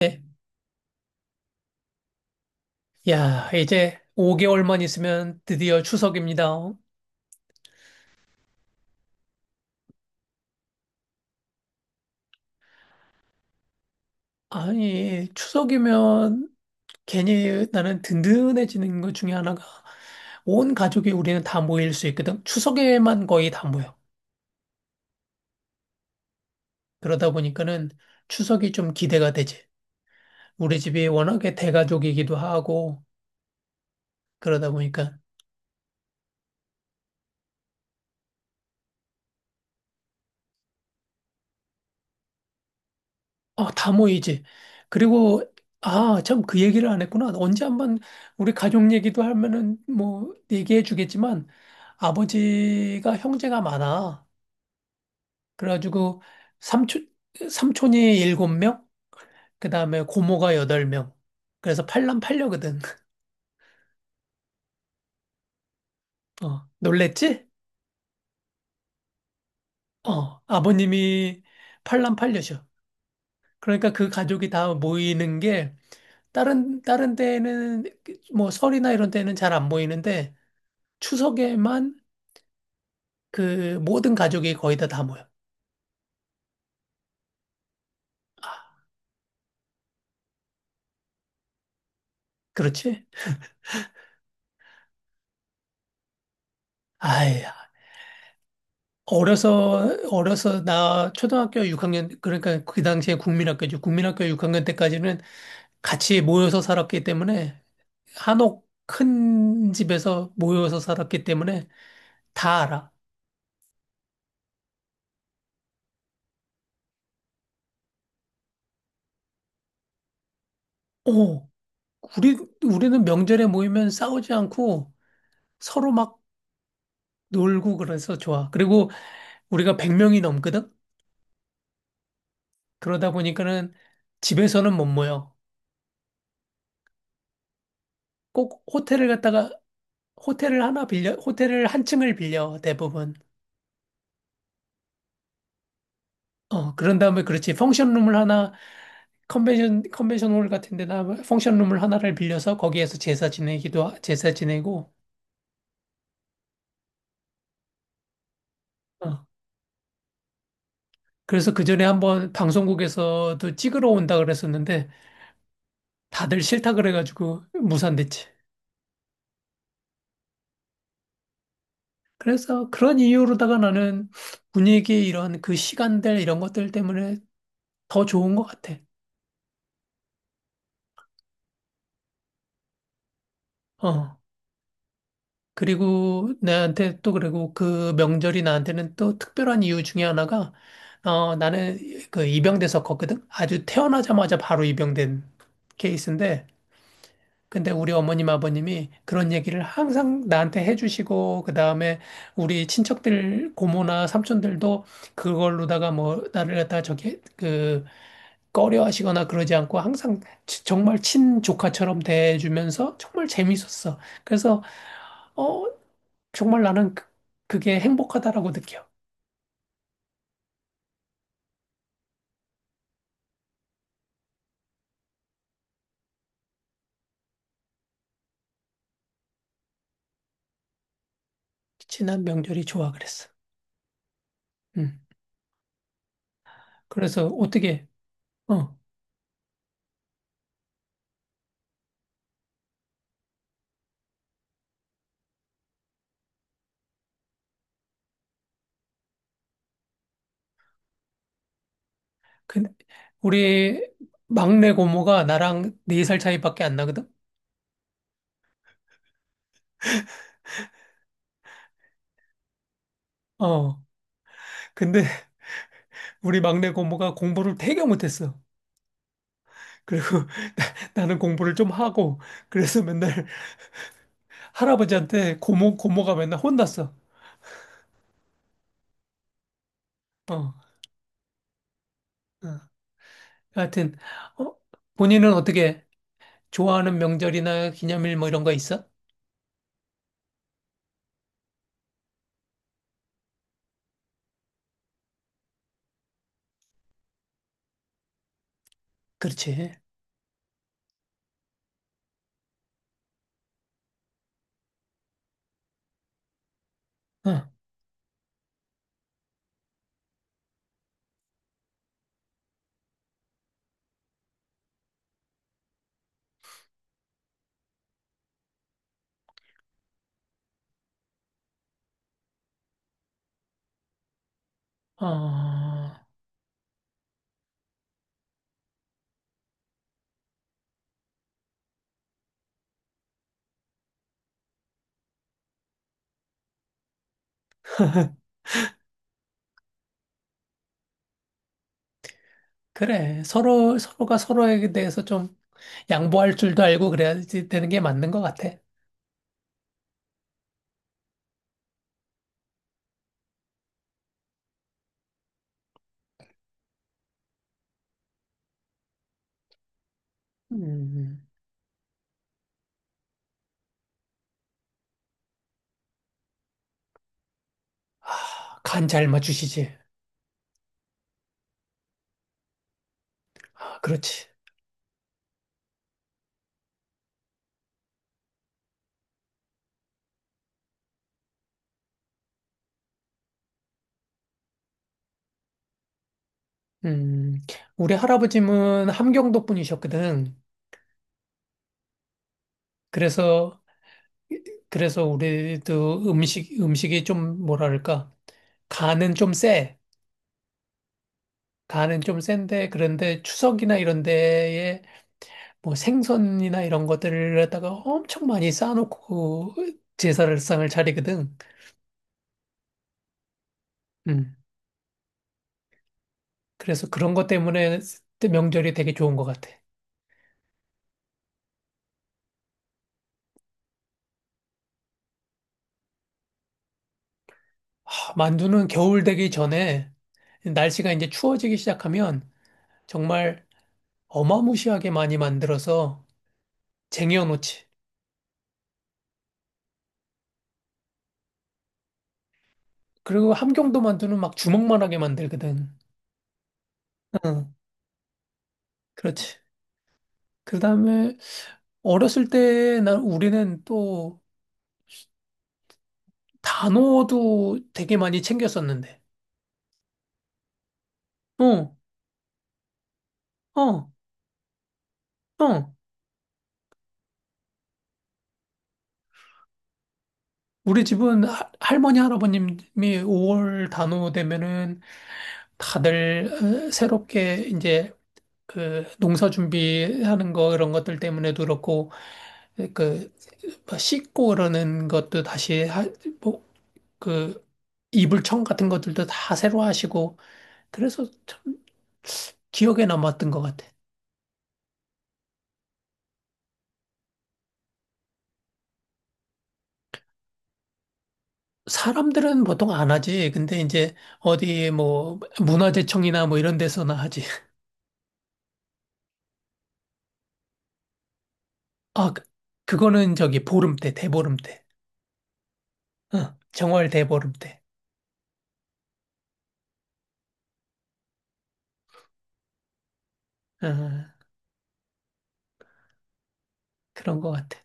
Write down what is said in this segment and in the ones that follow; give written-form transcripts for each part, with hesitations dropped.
네. 야, 이제 5개월만 있으면 드디어 추석입니다. 아니, 추석이면 괜히 나는 든든해지는 것 중에 하나가 온 가족이 우리는 다 모일 수 있거든. 추석에만 거의 다 모여. 그러다 보니까는 추석이 좀 기대가 되지. 우리 집이 워낙에 대가족이기도 하고 그러다 보니까 어 다 모이지. 그리고, 아, 참, 그 얘기를 안 했구나. 언제 한번 우리 가족 얘기도 하면은 뭐 얘기해 주겠지만 아버지가 형제가 많아. 그래가지고 삼촌, 삼촌이 일곱 명, 그 다음에 고모가 여덟 명. 그래서 팔남팔녀거든. 어, 놀랬지? 어, 아버님이 팔남팔녀셔. 그러니까 그 가족이 다 모이는 게 다른 데에는 뭐 설이나 이런 데는 잘 안 모이는데 추석에만 그 모든 가족이 거의 다 모여. 그렇지? 아야. 어려서 나 초등학교 6학년 그러니까 그 당시에 국민학교죠. 국민학교 6학년 때까지는 같이 모여서 살았기 때문에 한옥 큰 집에서 모여서 살았기 때문에 다 알아. 오, 우리 우리는 명절에 모이면 싸우지 않고 서로 막 놀고 그래서 좋아. 그리고 우리가 100명이 넘거든. 그러다 보니까는 집에서는 못 모여. 꼭 호텔을 갔다가 호텔을 하나 빌려, 호텔을 한 층을 빌려, 대부분. 어, 그런 다음에 그렇지. 펑션룸을 하나, 컨벤션홀 같은 데나 펑션룸을 하나를 빌려서 거기에서 제사 지내기도, 제사 지내고. 어. 그래서 그 전에 한번 방송국에서도 찍으러 온다 그랬었는데 다들 싫다 그래가지고 무산됐지. 그래서 그런 이유로다가 나는 분위기 이런 그 시간들 이런 것들 때문에 더 좋은 것 같아. 어. 그리고 나한테 또 그리고 그 명절이 나한테는 또 특별한 이유 중에 하나가 어 나는 그 입양됐었거든. 아주 태어나자마자 바로 입양된 케이스인데 근데 우리 어머님 아버님이 그런 얘기를 항상 나한테 해주시고 그다음에 우리 친척들 고모나 삼촌들도 그걸로다가 뭐 나를 갖다 저기 그 꺼려 하시거나 그러지 않고 항상 정말 친조카처럼 대해주면서 정말 재밌었어. 그래서 어, 정말 나는 그, 그게 행복하다라고 느껴. 지난 명절이 좋아 그랬어. 음. 그래서 어떻게, 어, 그, 우리 막내 고모가 나랑 네 살 차이밖에 안 나거든? 어. 근데 우리 막내 고모가 공부를 되게 못했어. 그리고 나는 공부를 좀 하고, 그래서 맨날 할아버지한테 고모가 맨날 혼났어. 어. 어. 하여튼, 어, 본인은 어떻게 좋아하는 명절이나 기념일 뭐 이런 거 있어? 그렇지. 어. 어. 그래. 서로가 서로에 대해서 좀 양보할 줄도 알고 그래야지 되는 게 맞는 것 같아. 음. 아, 간 잘 맞추시지. 아, 그렇지. 음. 우리 할아버지는 함경도 분이셨거든. 그래서, 그래서 우리도 음식, 음식이 좀 뭐랄까. 간은 좀 세. 간은 좀 센데, 그런데 추석이나 이런 데에 뭐 생선이나 이런 것들을 갖다가 엄청 많이 쌓아놓고 제사를상을 차리거든. 음. 그래서 그런 것 때문에 명절이 되게 좋은 것 같아. 하, 만두는 겨울 되기 전에 날씨가 이제 추워지기 시작하면 정말 어마무시하게 많이 만들어서 쟁여놓지. 그리고 함경도 만두는 막 주먹만하게 만들거든. 응, 그렇지. 그 다음에 어렸을 때 난 우리는 또 단호도 되게 많이 챙겼었는데. 어, 어, 어. 우리 집은 할머니, 할아버님이 5월 단오 되면은 다들 어, 새롭게 이제 그 농사 준비하는 거 이런 것들 때문에도 그렇고 그뭐 씻고 그러는 것도 다시 하, 뭐그 이불청 같은 것들도 다 새로 하시고 그래서 참 기억에 남았던 것 같아. 사람들은 보통 안 하지. 근데 이제 어디 뭐 문화재청이나 뭐 이런 데서나 하지. 아, 그거는 저기 보름 때, 대보름 때. 어, 정월 대보름 때. 어, 그런 것 같아.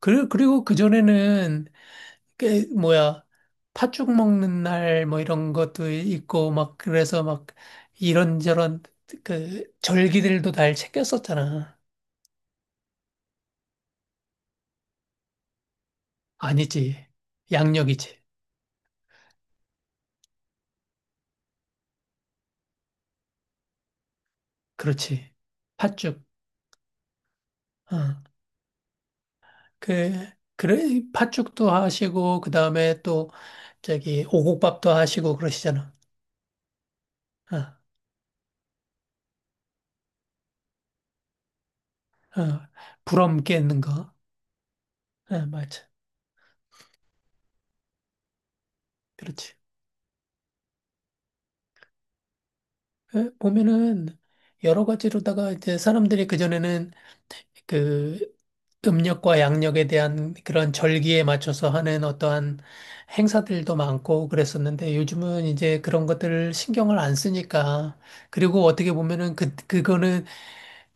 그리고 그전에는, 그, 뭐야, 팥죽 먹는 날, 뭐 이런 것도 있고, 막, 그래서 막, 이런저런, 그, 절기들도 날 챙겼었잖아. 아니지. 양력이지. 그렇지. 팥죽. 어. 그, 그래, 팥죽도 하시고, 그 다음에 또, 저기, 오곡밥도 하시고 그러시잖아. 어, 어. 부럼 깨는 거. 어, 맞아. 그렇지. 예, 보면은 여러 가지로다가 이제 사람들이 그전에는 그 음력과 양력에 대한 그런 절기에 맞춰서 하는 어떠한 행사들도 많고 그랬었는데 요즘은 이제 그런 것들을 신경을 안 쓰니까 그리고 어떻게 보면은 그, 그거는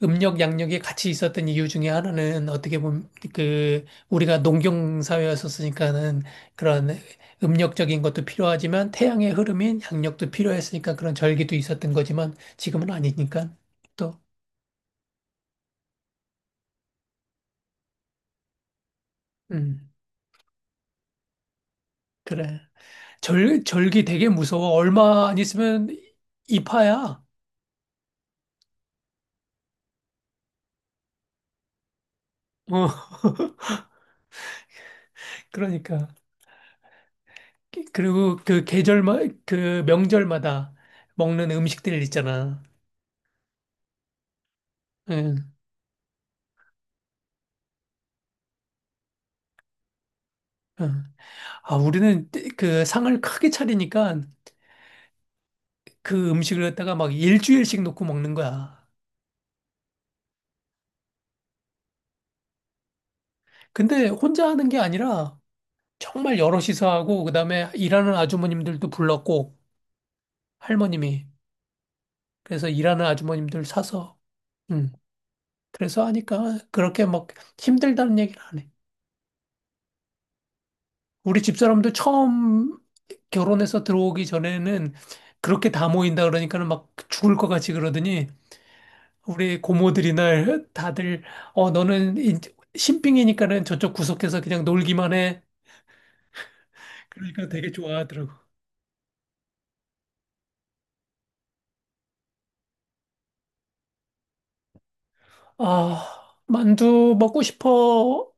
음력 양력이 같이 있었던 이유 중에 하나는 어떻게 보면 그 우리가 농경 사회였었으니까는 그런 음력적인 것도 필요하지만 태양의 흐름인 양력도 필요했으니까 그런 절기도 있었던 거지만 지금은 아니니까 또 음, 그래. 절 절기 되게 무서워. 얼마 안 있으면 이파야. 어, 그러니까. 그리고 그 계절마 그 명절마다 먹는 음식들 있잖아. 응. 응. 아, 우리는 그 상을 크게 차리니까 그 음식을 갖다가 막 일주일씩 놓고 먹는 거야. 근데 혼자 하는 게 아니라 정말 여럿이서 하고 그다음에 일하는 아주머님들도 불렀고 할머님이 그래서 일하는 아주머님들 사서 음. 그래서 하니까 그렇게 막 힘들다는 얘기를 안 해. 우리 집사람도 처음 결혼해서 들어오기 전에는 그렇게 다 모인다 그러니까는 막 죽을 것 같이 그러더니 우리 고모들이 날 다들 어 너는 신빙이니까는 저쪽 구석에서 그냥 놀기만 해. 그러니까 되게 좋아하더라고. 아, 만두 먹고 싶어.